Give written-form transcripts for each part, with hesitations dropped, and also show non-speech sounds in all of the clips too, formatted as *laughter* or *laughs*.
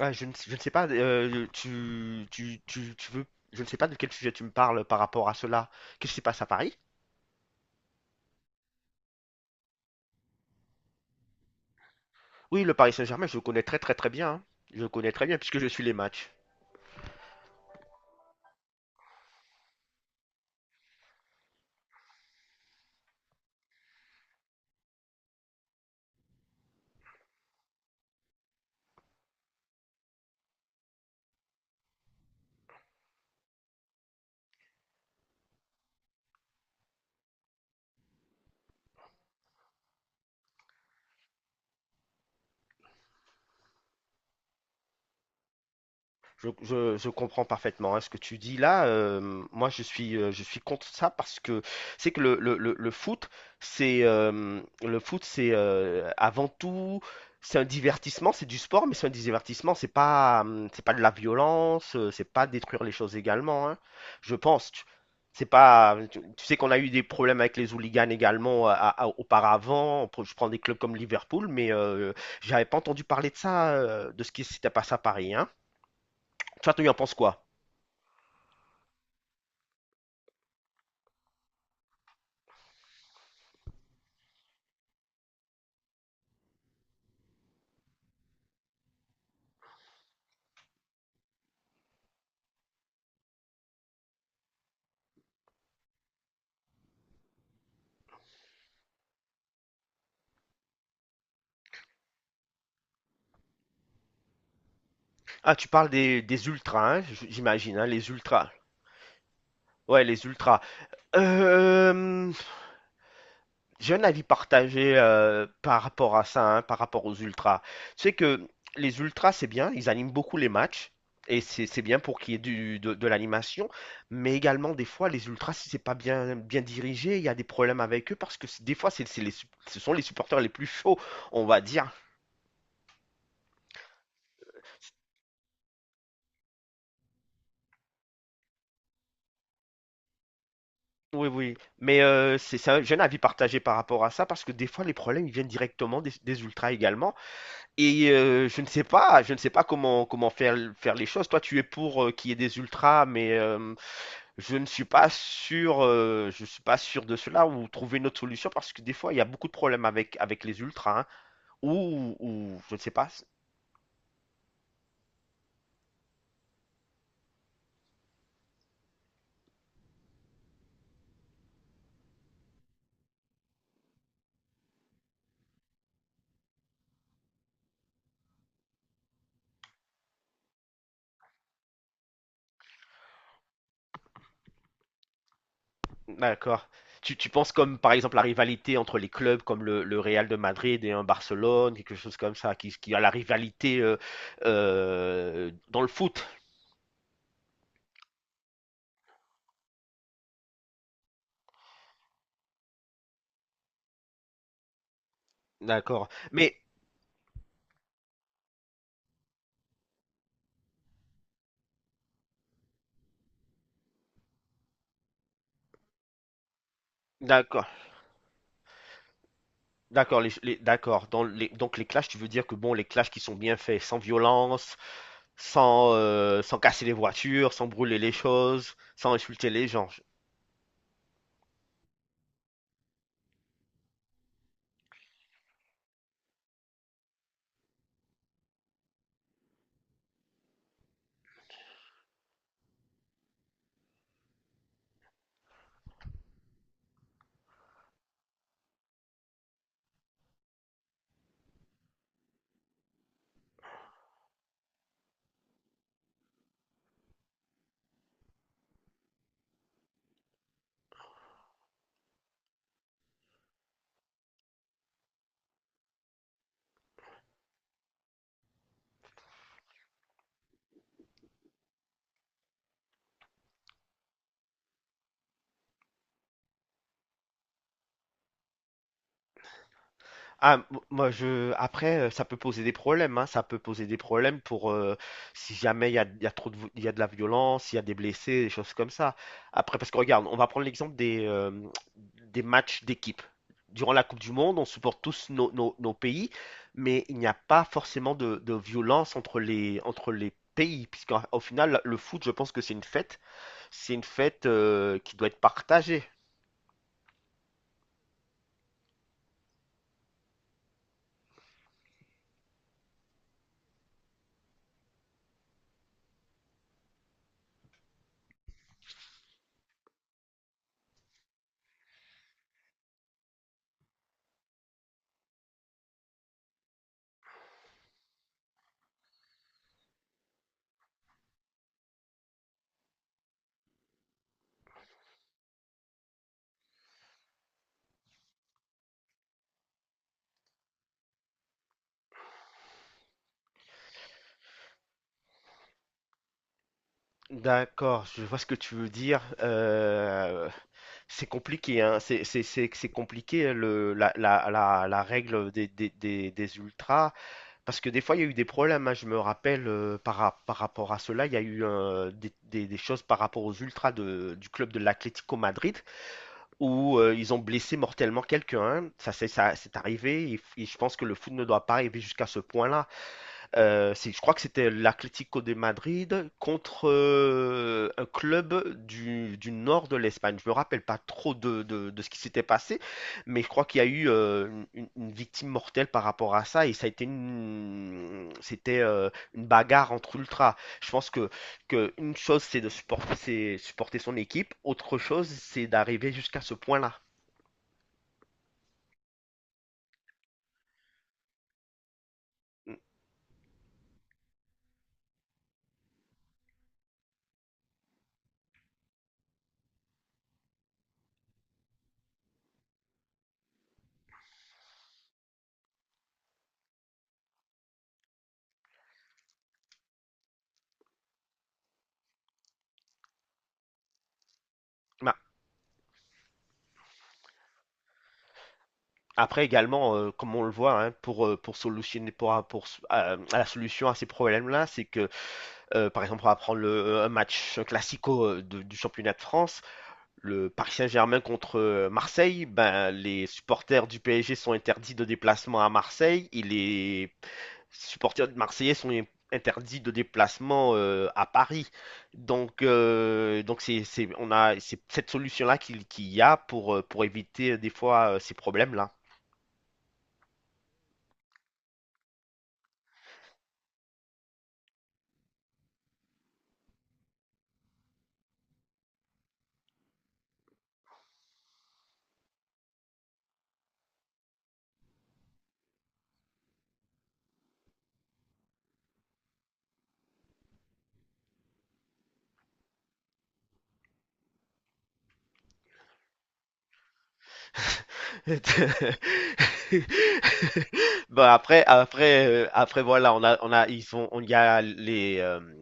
Ah, je ne sais pas, tu veux, je ne sais pas de quel sujet tu me parles par rapport à cela. Qu'est-ce qui se passe à Paris? Oui, le Paris Saint-Germain, je le connais très très très bien, hein. Je le connais très bien puisque je suis les matchs. Je comprends parfaitement, hein, ce que tu dis là. Moi, je suis contre ça parce que c'est que le foot, c'est le foot, c'est avant tout, c'est un divertissement, c'est du sport, mais c'est un divertissement. C'est pas de la violence, c'est pas détruire les choses également, hein. Je pense. C'est pas, tu sais qu'on a eu des problèmes avec les hooligans également auparavant. Je prends des clubs comme Liverpool, mais j'avais pas entendu parler de ça, de ce qui s'était passé à Paris, hein. Toi, tu en penses quoi? Ah, tu parles des ultras, hein, j'imagine, hein, les ultras. Ouais, les ultras. Euh, j'ai un avis partagé par rapport à ça, hein, par rapport aux ultras. Tu sais que les ultras, c'est bien, ils animent beaucoup les matchs, et c'est bien pour qu'il y ait de l'animation, mais également, des fois, les ultras, si c'est pas bien, bien dirigé, il y a des problèmes avec eux, parce que des fois, ce sont les supporters les plus chauds, on va dire. Oui, oui, mais j'ai un avis partagé par rapport à ça parce que des fois les problèmes ils viennent directement des ultras également et je ne sais pas comment comment faire les choses. Toi, tu es pour qu'il y ait des ultras, mais je ne suis pas sûr, je suis pas sûr de cela ou trouver une autre solution parce que des fois il y a beaucoup de problèmes avec les ultras, hein, ou je ne sais pas. D'accord. Tu penses comme par exemple la rivalité entre les clubs comme le Real de Madrid et un Barcelone, quelque chose comme ça, qui a la rivalité dans le foot. D'accord. Mais d'accord, d'accord, d'accord. Donc les clashs, tu veux dire que bon, les clashs qui sont bien faits, sans violence, sans, sans casser les voitures, sans brûler les choses, sans insulter les gens. Ah, moi je après ça peut poser des problèmes, hein, ça peut poser des problèmes pour si jamais il y a trop de il y a de la violence, il y a des blessés, des choses comme ça. Après parce que regarde, on va prendre l'exemple des des matchs d'équipe. Durant la Coupe du Monde, on supporte tous nos, nos pays, mais il n'y a pas forcément de violence entre les pays puisqu'au final le foot, je pense que c'est une fête qui doit être partagée. D'accord, je vois ce que tu veux dire. C'est compliqué, hein. C'est compliqué, hein, le, la règle des ultras, parce que des fois il y a eu des problèmes, hein. Je me rappelle par rapport à cela, il y a eu des choses par rapport aux ultras du club de l'Atlético Madrid, où ils ont blessé mortellement quelqu'un, hein. Ça c'est ça, c'est arrivé, et je pense que le foot ne doit pas arriver jusqu'à ce point-là. Je crois que c'était l'Atlético de Madrid contre un club du nord de l'Espagne. Je me rappelle pas trop de, de ce qui s'était passé, mais je crois qu'il y a eu une victime mortelle par rapport à ça et ça a été une, c'était une bagarre entre ultras. Je pense que, une chose c'est de supporter, c'est supporter son équipe, autre chose c'est d'arriver jusqu'à ce point-là. Ma- Après également, comme on le voit, hein, pour solutionner pour à la solution à ces problèmes-là, c'est que par exemple, on va prendre un match classico du championnat de France, le Paris Saint-Germain contre Marseille, ben, les supporters du PSG sont interdits de déplacement à Marseille et les supporters de Marseillais sont interdits de déplacement à Paris. Donc, on a c'est cette solution-là qu'il y a pour éviter des fois ces problèmes-là. *laughs* Bon après voilà, on y a les,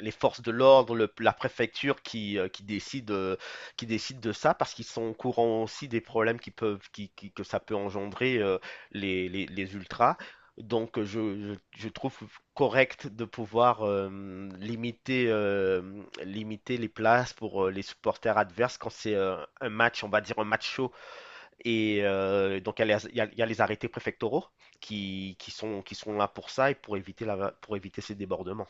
les forces de l'ordre, le la préfecture qui décide de ça parce qu'ils sont au courant aussi des problèmes qui peuvent qui que ça peut engendrer, les ultras. Donc je trouve correct de pouvoir, hem, limiter les places pour, les supporters adverses quand c'est, un match, on va dire un match chaud. Et donc, il y a les arrêtés préfectoraux qui sont là pour ça et pour éviter ces débordements.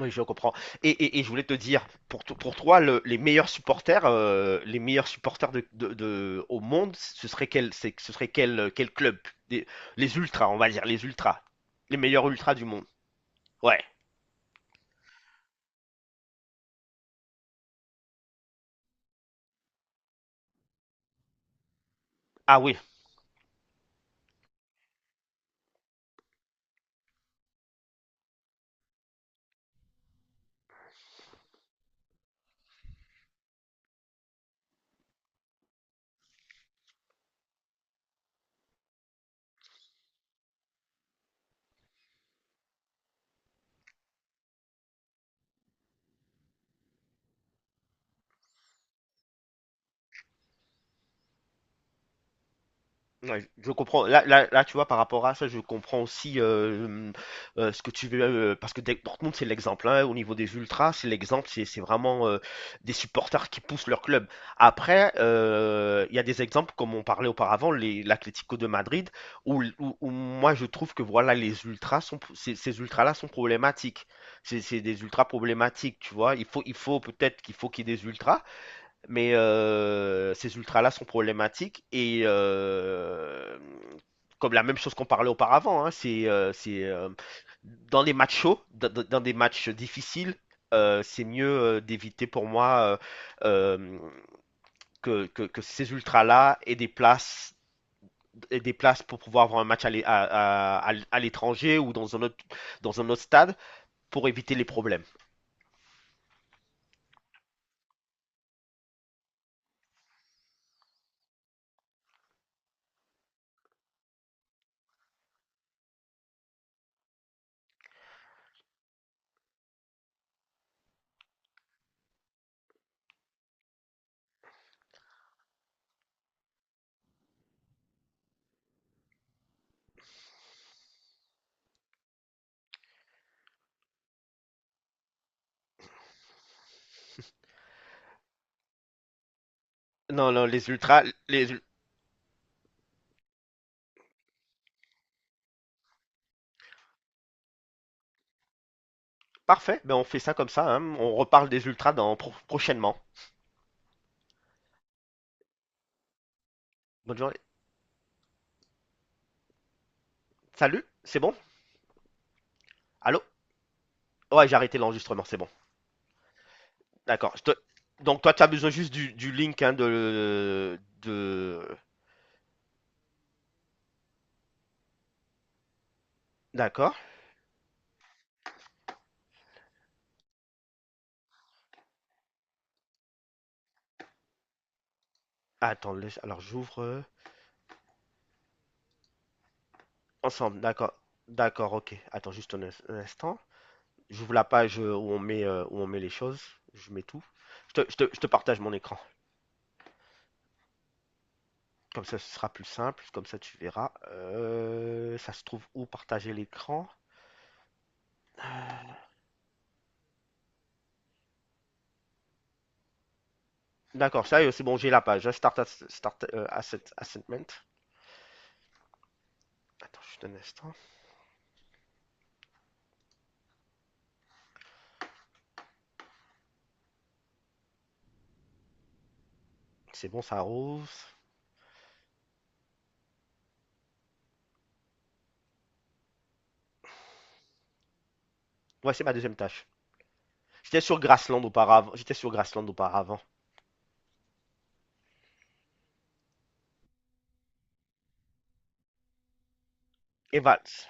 Oui, je comprends. Et je voulais te dire, pour toi, les meilleurs supporters au monde, ce serait quel, c'est- ce serait quel, quel club? Des- les ultras, on va dire, les ultras. Les meilleurs ultras du monde. Ouais. Ah oui, ouais, je comprends. Là, là, là, tu vois, par rapport à ça, je comprends aussi ce que tu veux. Parce que Dortmund, c'est l'exemple. Hein, au niveau des ultras, c'est l'exemple. C'est vraiment des supporters qui poussent leur club. Après, il y a des exemples, comme on parlait auparavant, l'Atlético de Madrid, où, où moi, je trouve que voilà, les ultras sont, ces, ces ultras-là sont problématiques. C'est des ultras problématiques, tu vois. Il faut peut-être qu'il y ait des ultras, mais ces ultras-là sont problématiques et comme la même chose qu'on parlait auparavant, hein, c'est dans les matchs chauds, dans des matchs difficiles, c'est mieux d'éviter pour moi euh, euh, que ces ultras-là aient des places pour pouvoir avoir un match à l'étranger ou dans un autre stade pour éviter les problèmes. Non, non, les ultras, les Parfait, ben on fait ça comme ça, hein. On reparle des ultras dans prochainement. Bonne journée. Salut, c'est bon? Allô? Ouais, j'ai arrêté l'enregistrement, c'est bon. D'accord. Donc toi, tu as besoin juste du link, hein, D'accord. Attends, alors j'ouvre ensemble. D'accord. D'accord, ok. Attends juste un, un instant. J'ouvre la page où on met les choses. Je mets tout. Je te partage mon écran. Comme ça, ce sera plus simple. Comme ça, tu verras. Ça se trouve où partager l'écran? D'accord, sérieux, c'est bon, j'ai la page, hein. Start, start asset, assetment. Attends juste un instant. C'est bon, ça rose. Ouais, c'est ma deuxième tâche. J'étais sur Grassland auparavant. J'étais sur Grassland auparavant. Et Vals.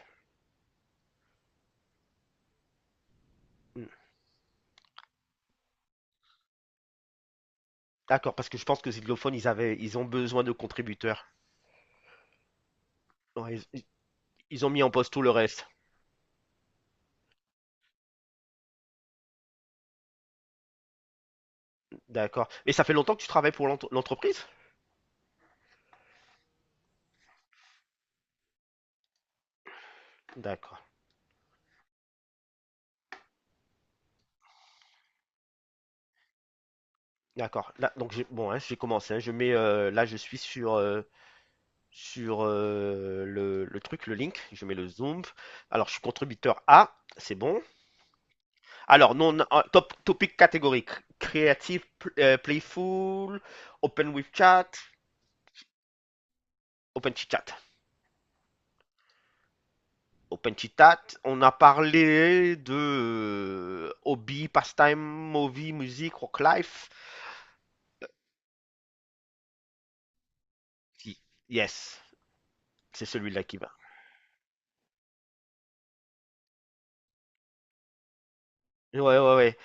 Hmm. D'accord, parce que je pense que Zidlophone, ils ont besoin de contributeurs. Ouais, ils ont mis en poste tout le reste. D'accord. Et ça fait longtemps que tu travailles pour l'entreprise? D'accord. D'accord. Là, donc j'ai bon, hein, j'ai commencé, hein. Je mets là, je suis sur le truc, le link. Je mets le zoom. Alors, je suis contributeur A, c'est bon. Alors, non, topic catégorique. Creative, playful, open with chat, open chit chat. Open chit chat, on a parlé de hobby, pastime, movie, musique, rock life. Si. Yes, c'est celui-là qui va. Ouais, ouais, ouais.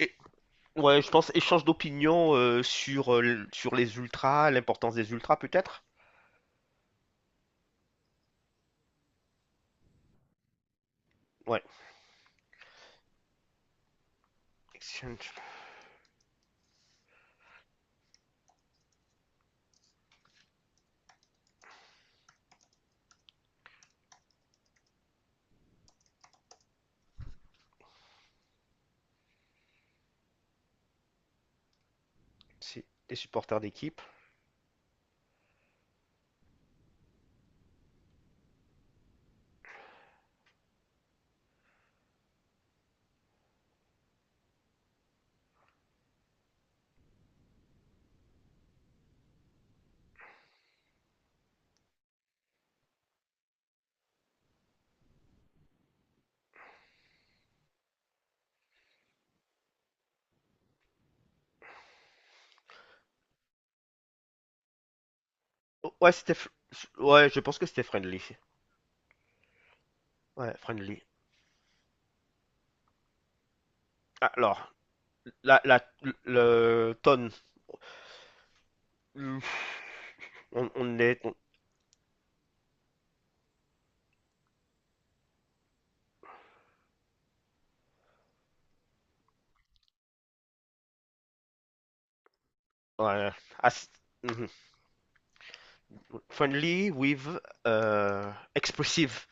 Et- ouais, je pense échange d'opinion sur les ultras, l'importance des ultras peut-être. Ouais. Exchange. C'est les supporters d'équipe. Oh, ouais, c'était. Ouais, je pense que c'était friendly. Ouais, friendly. Alors, la, la, le tonne. Hmm. On est. Ouais, as- mhm. Friendly with expressive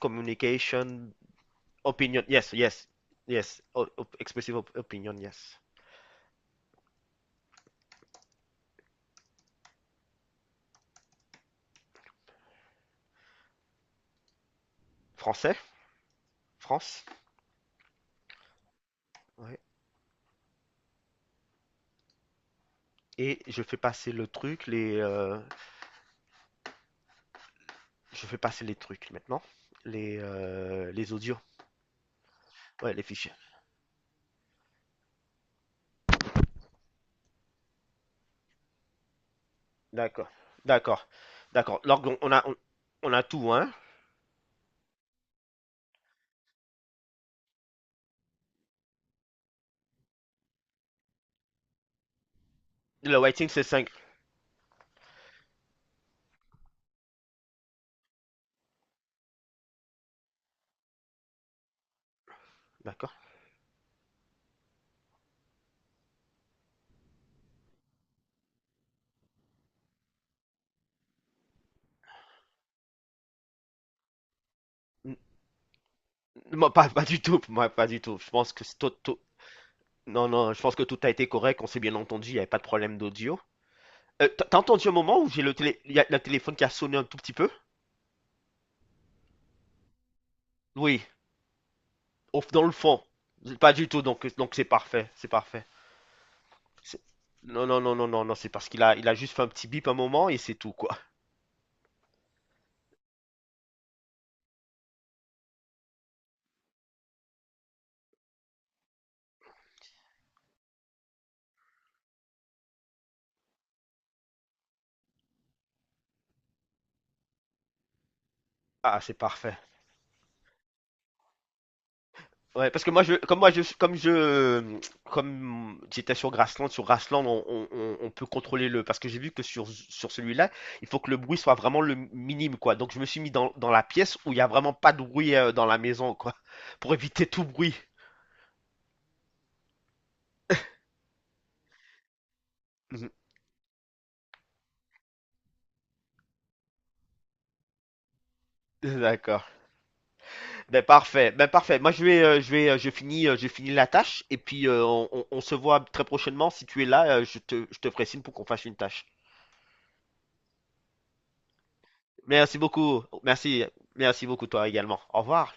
communication opinion. Yes, yes, yes. Expressive opinion, yes. Français, France. Ouais. Et je fais passer le truc, les. Je fais passer les trucs maintenant. Les audios. Ouais, les fichiers. D'accord. D'accord. D'accord. Donc, on a tout, hein? Le waiting, c'est cinq. D'accord. N- Moi, pas, pas du tout. Moi, pas du tout. Je pense que c'est tout. Non, non, je pense que tout a été correct. On s'est bien entendu. Il n'y avait pas de problème d'audio. T'as entendu un moment où il y a le téléphone qui a sonné un tout petit peu? Oui. Dans le fond. Pas du tout. Donc, c'est parfait. C'est parfait. C'est- Non, non, non, non, non, non. C'est parce qu'il a juste fait un petit bip un moment et c'est tout, quoi. Ah, c'est parfait. Ouais, parce que moi, je, comme j'étais sur Grassland, on peut contrôler le, parce que j'ai vu que sur celui-là, il faut que le bruit soit vraiment le minime, quoi. Donc je me suis mis dans, la pièce où il y a vraiment pas de bruit dans la maison, quoi, *laughs* pour éviter tout bruit. Mhm. *laughs* D'accord. Ben parfait. Ben parfait. Moi, je vais, je vais, Je finis, je finis la tâche et puis on se voit très prochainement. Si tu es là, je te ferai signe pour qu'on fasse une tâche. Merci beaucoup. Merci, merci beaucoup toi également. Au revoir.